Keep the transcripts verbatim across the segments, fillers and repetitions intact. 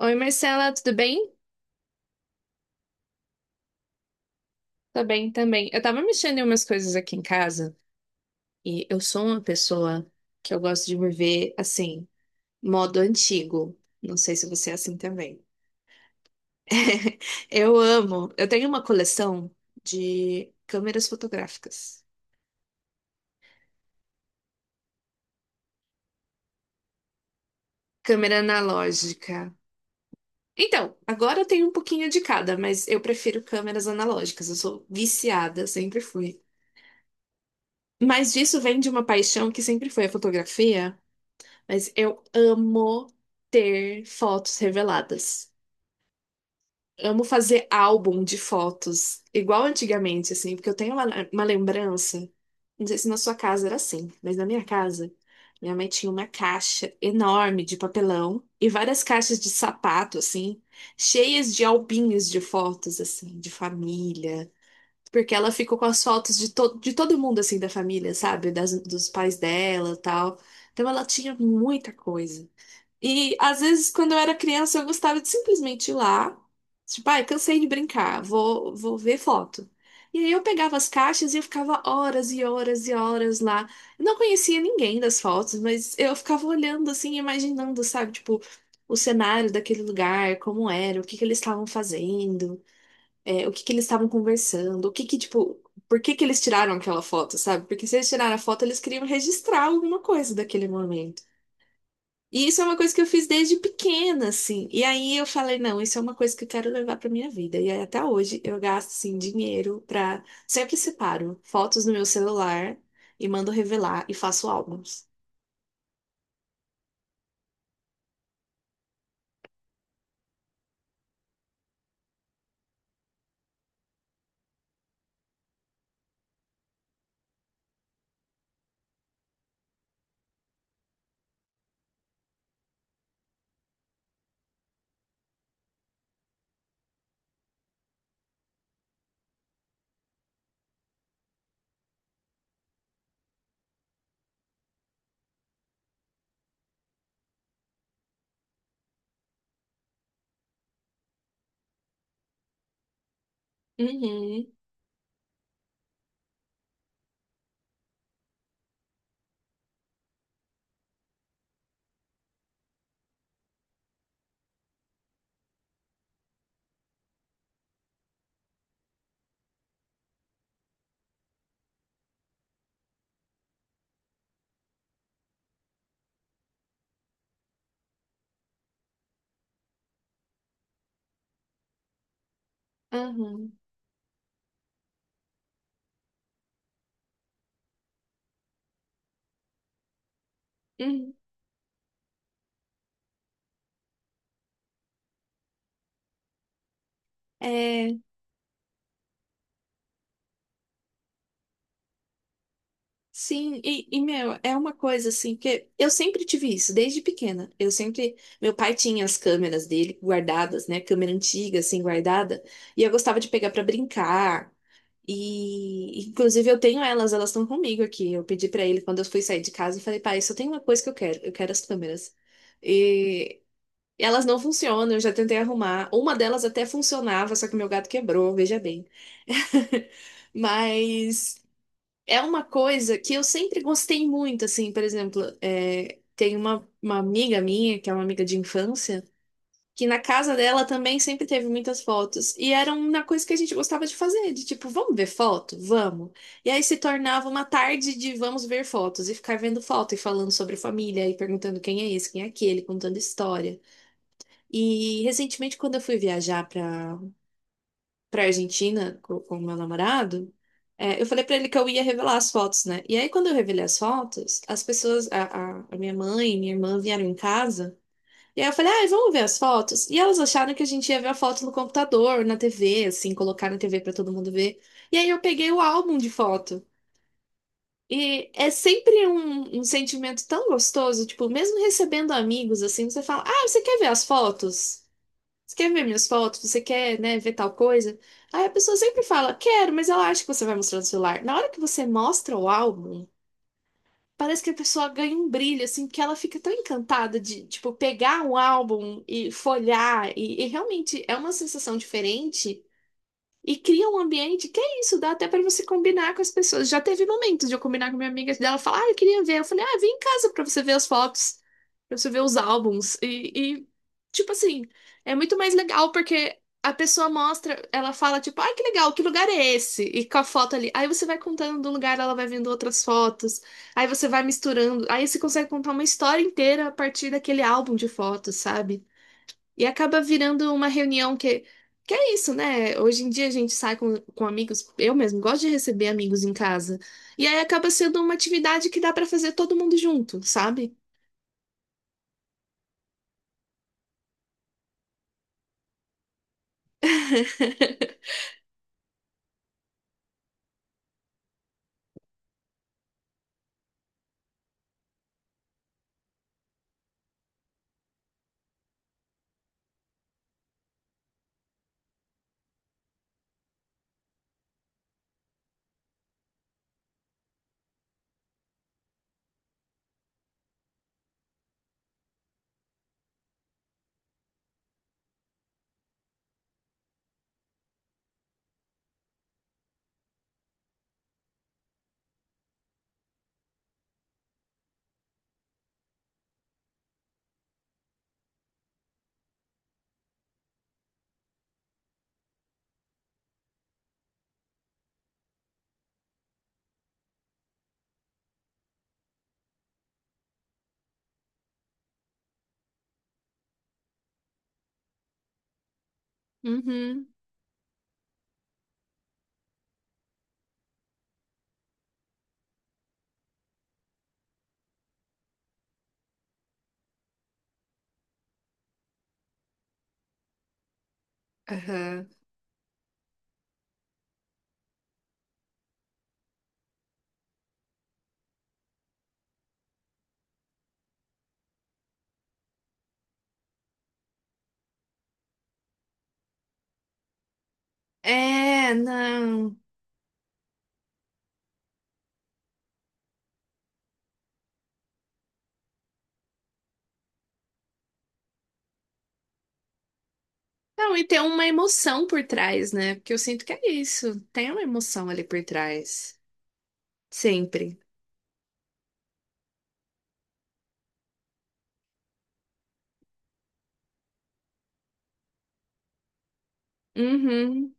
Oi, Marcela, tudo bem? Tô bem também. Eu tava mexendo em umas coisas aqui em casa e eu sou uma pessoa que eu gosto de me ver assim, modo antigo. Não sei se você é assim também. Eu amo. Eu tenho uma coleção de câmeras fotográficas, câmera analógica. Então, agora eu tenho um pouquinho de cada, mas eu prefiro câmeras analógicas. Eu sou viciada, sempre fui. Mas disso vem de uma paixão que sempre foi a fotografia. Mas eu amo ter fotos reveladas. Amo fazer álbum de fotos, igual antigamente, assim, porque eu tenho uma, uma lembrança. Não sei se na sua casa era assim, mas na minha casa, minha mãe tinha uma caixa enorme de papelão e várias caixas de sapato, assim, cheias de albinhos de fotos, assim, de família. Porque ela ficou com as fotos de, to de todo mundo, assim, da família, sabe? Das, dos pais dela e tal. Então ela tinha muita coisa. E às vezes, quando eu era criança, eu gostava de simplesmente ir lá. Tipo, ai, cansei de brincar, vou, vou ver foto. E aí eu pegava as caixas e eu ficava horas e horas e horas lá. Eu não conhecia ninguém das fotos, mas eu ficava olhando assim, imaginando, sabe, tipo, o cenário daquele lugar, como era, o que que eles estavam fazendo, é, o que que eles estavam conversando, o que que, tipo, por que que eles tiraram aquela foto, sabe? Porque se eles tiraram a foto, eles queriam registrar alguma coisa daquele momento. E isso é uma coisa que eu fiz desde pequena, assim. E aí eu falei, não, isso é uma coisa que eu quero levar pra minha vida. E aí até hoje eu gasto, assim, dinheiro pra... Sempre separo fotos no meu celular e mando revelar e faço álbuns. Uhum, uhum, uhum. É, sim. E, e, meu, é uma coisa, assim, que eu sempre tive isso, desde pequena. Eu sempre... Meu pai tinha as câmeras dele guardadas, né? Câmera antiga, assim, guardada. E eu gostava de pegar pra brincar. E, inclusive, eu tenho elas, elas estão comigo aqui. Eu pedi pra ele quando eu fui sair de casa, eu falei, pai, só tem uma coisa que eu quero, eu quero as câmeras. E elas não funcionam, eu já tentei arrumar. Uma delas até funcionava, só que meu gato quebrou, veja bem. Mas é uma coisa que eu sempre gostei muito, assim, por exemplo, é, tem uma, uma amiga minha, que é uma amiga de infância que na casa dela também sempre teve muitas fotos. E era uma coisa que a gente gostava de fazer, de tipo, vamos ver foto? Vamos. E aí se tornava uma tarde de vamos ver fotos e ficar vendo foto e falando sobre família e perguntando quem é esse, quem é aquele, contando história. E recentemente, quando eu fui viajar para para Argentina co- com o meu namorado, é, eu falei para ele que eu ia revelar as fotos, né? E aí, quando eu revelei as fotos, as pessoas, a, a a minha mãe e minha irmã vieram em casa. E aí eu falei, ah, eles ver as fotos. E elas acharam que a gente ia ver a foto no computador, na tê vê, assim, colocar na tê vê pra todo mundo ver. E aí eu peguei o álbum de foto. E é sempre um, um sentimento tão gostoso, tipo, mesmo recebendo amigos, assim, você fala, ah, você quer ver as fotos? Você quer ver minhas fotos? Você quer, né, ver tal coisa? Aí a pessoa sempre fala, quero, mas ela acha que você vai mostrar no celular. Na hora que você mostra o álbum, parece que a pessoa ganha um brilho, assim, que ela fica tão encantada de, tipo, pegar um álbum e folhear, e, e realmente é uma sensação diferente e cria um ambiente que é isso, dá até para você combinar com as pessoas. Já teve momentos de eu combinar com minha amiga dela falar, ah, eu queria ver. Eu falei, ah, vem em casa para você ver as fotos, para você ver os álbuns. E, e, tipo assim, é muito mais legal porque a pessoa mostra, ela fala, tipo, ai, que legal, que lugar é esse? E com a foto ali. Aí você vai contando do lugar, ela vai vendo outras fotos. Aí você vai misturando. Aí você consegue contar uma história inteira a partir daquele álbum de fotos, sabe? E acaba virando uma reunião que, que é isso, né? Hoje em dia a gente sai com, com amigos, eu mesmo gosto de receber amigos em casa. E aí acaba sendo uma atividade que dá pra fazer todo mundo junto, sabe? Uhum. Aham. É, não. Não, e tem uma emoção por trás, né? Porque eu sinto que é isso. Tem uma emoção ali por trás. Sempre. Uhum.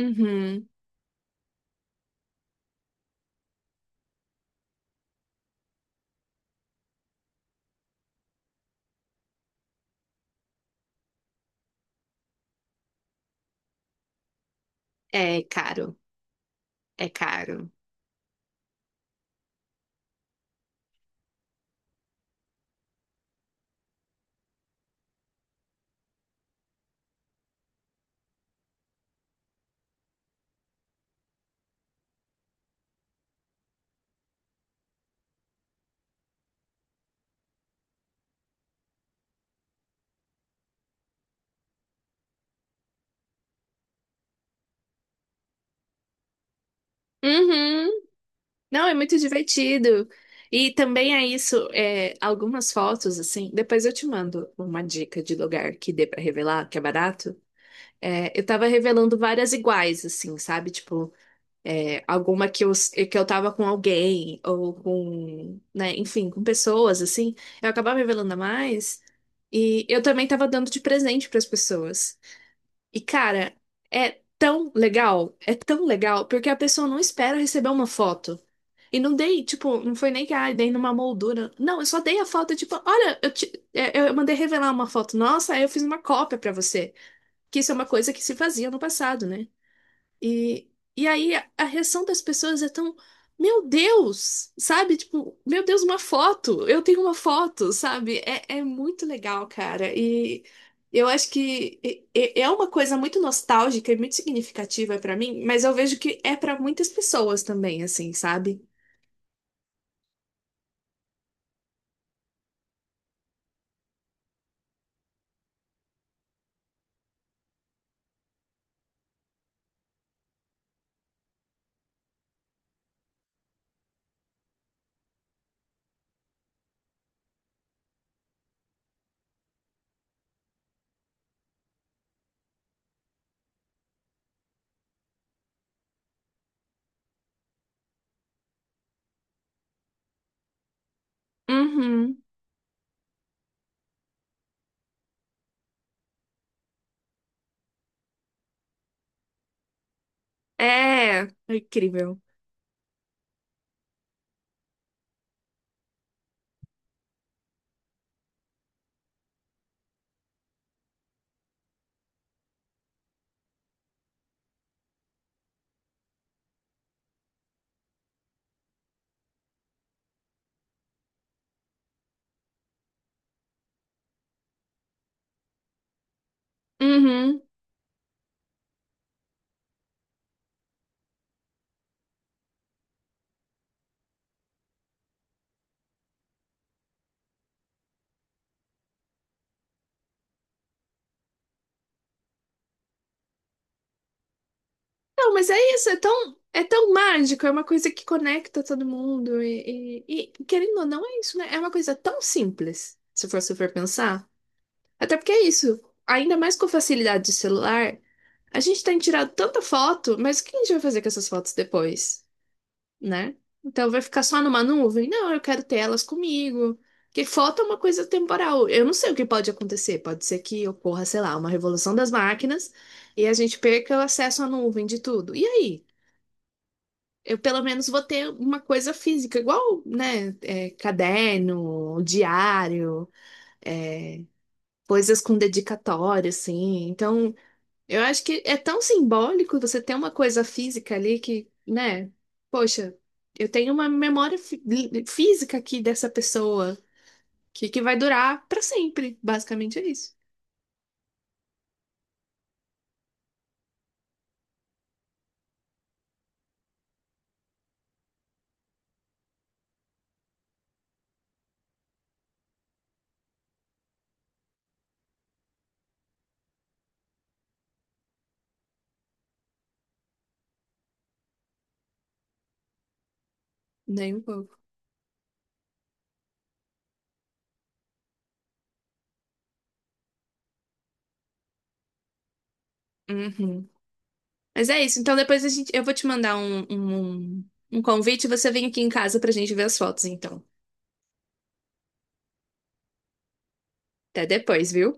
Uhum. É caro. É caro. Uhum. Não, é muito divertido. E também é isso, é, algumas fotos, assim. Depois eu te mando uma dica de lugar que dê pra revelar, que é barato. É, eu tava revelando várias iguais, assim, sabe? Tipo, é, alguma que eu, que eu tava com alguém, ou com, né, enfim, com pessoas, assim. Eu acabava revelando a mais. E eu também tava dando de presente pras pessoas. E, cara, é tão legal, é tão legal, porque a pessoa não espera receber uma foto. E não dei, tipo, não foi nem que ah, dei numa moldura. Não, eu só dei a foto, tipo, olha, eu, te- é, eu mandei revelar uma foto nossa, aí eu fiz uma cópia pra você. Que isso é uma coisa que se fazia no passado, né? E, e aí a, a reação das pessoas é tão, meu Deus, sabe? Tipo, meu Deus, uma foto, eu tenho uma foto, sabe? É, é muito legal, cara. E eu acho que e- e- é uma coisa muito nostálgica e muito significativa pra mim, mas eu vejo que é pra muitas pessoas também, assim, sabe? Uhum. É, É incrível. Uhum. Não, mas é isso, é tão, é tão mágico, é uma coisa que conecta todo mundo e, e- e, querendo ou não, é isso, né? É uma coisa tão simples, se for super pensar. Até porque é isso, ainda mais com a facilidade do celular, a gente tem tirado tanta foto, mas o que a gente vai fazer com essas fotos depois? Né? Então vai ficar só numa nuvem? Não, eu quero ter elas comigo. Porque falta uma coisa temporal. Eu não sei o que pode acontecer. Pode ser que ocorra, sei lá, uma revolução das máquinas e a gente perca o acesso à nuvem de tudo. E aí? Eu pelo menos vou ter uma coisa física, igual, né? é, caderno, diário, é, coisas com dedicatória, assim. Então eu acho que é tão simbólico você ter uma coisa física ali que, né? Poxa, eu tenho uma memória fi- li- física aqui dessa pessoa que, que vai durar pra sempre. Basicamente é isso. Nem um pouco. Uhum. Mas é isso. Então depois a gente, eu vou te mandar um, um, um um convite e você vem aqui em casa pra gente ver as fotos, então. Até depois, viu?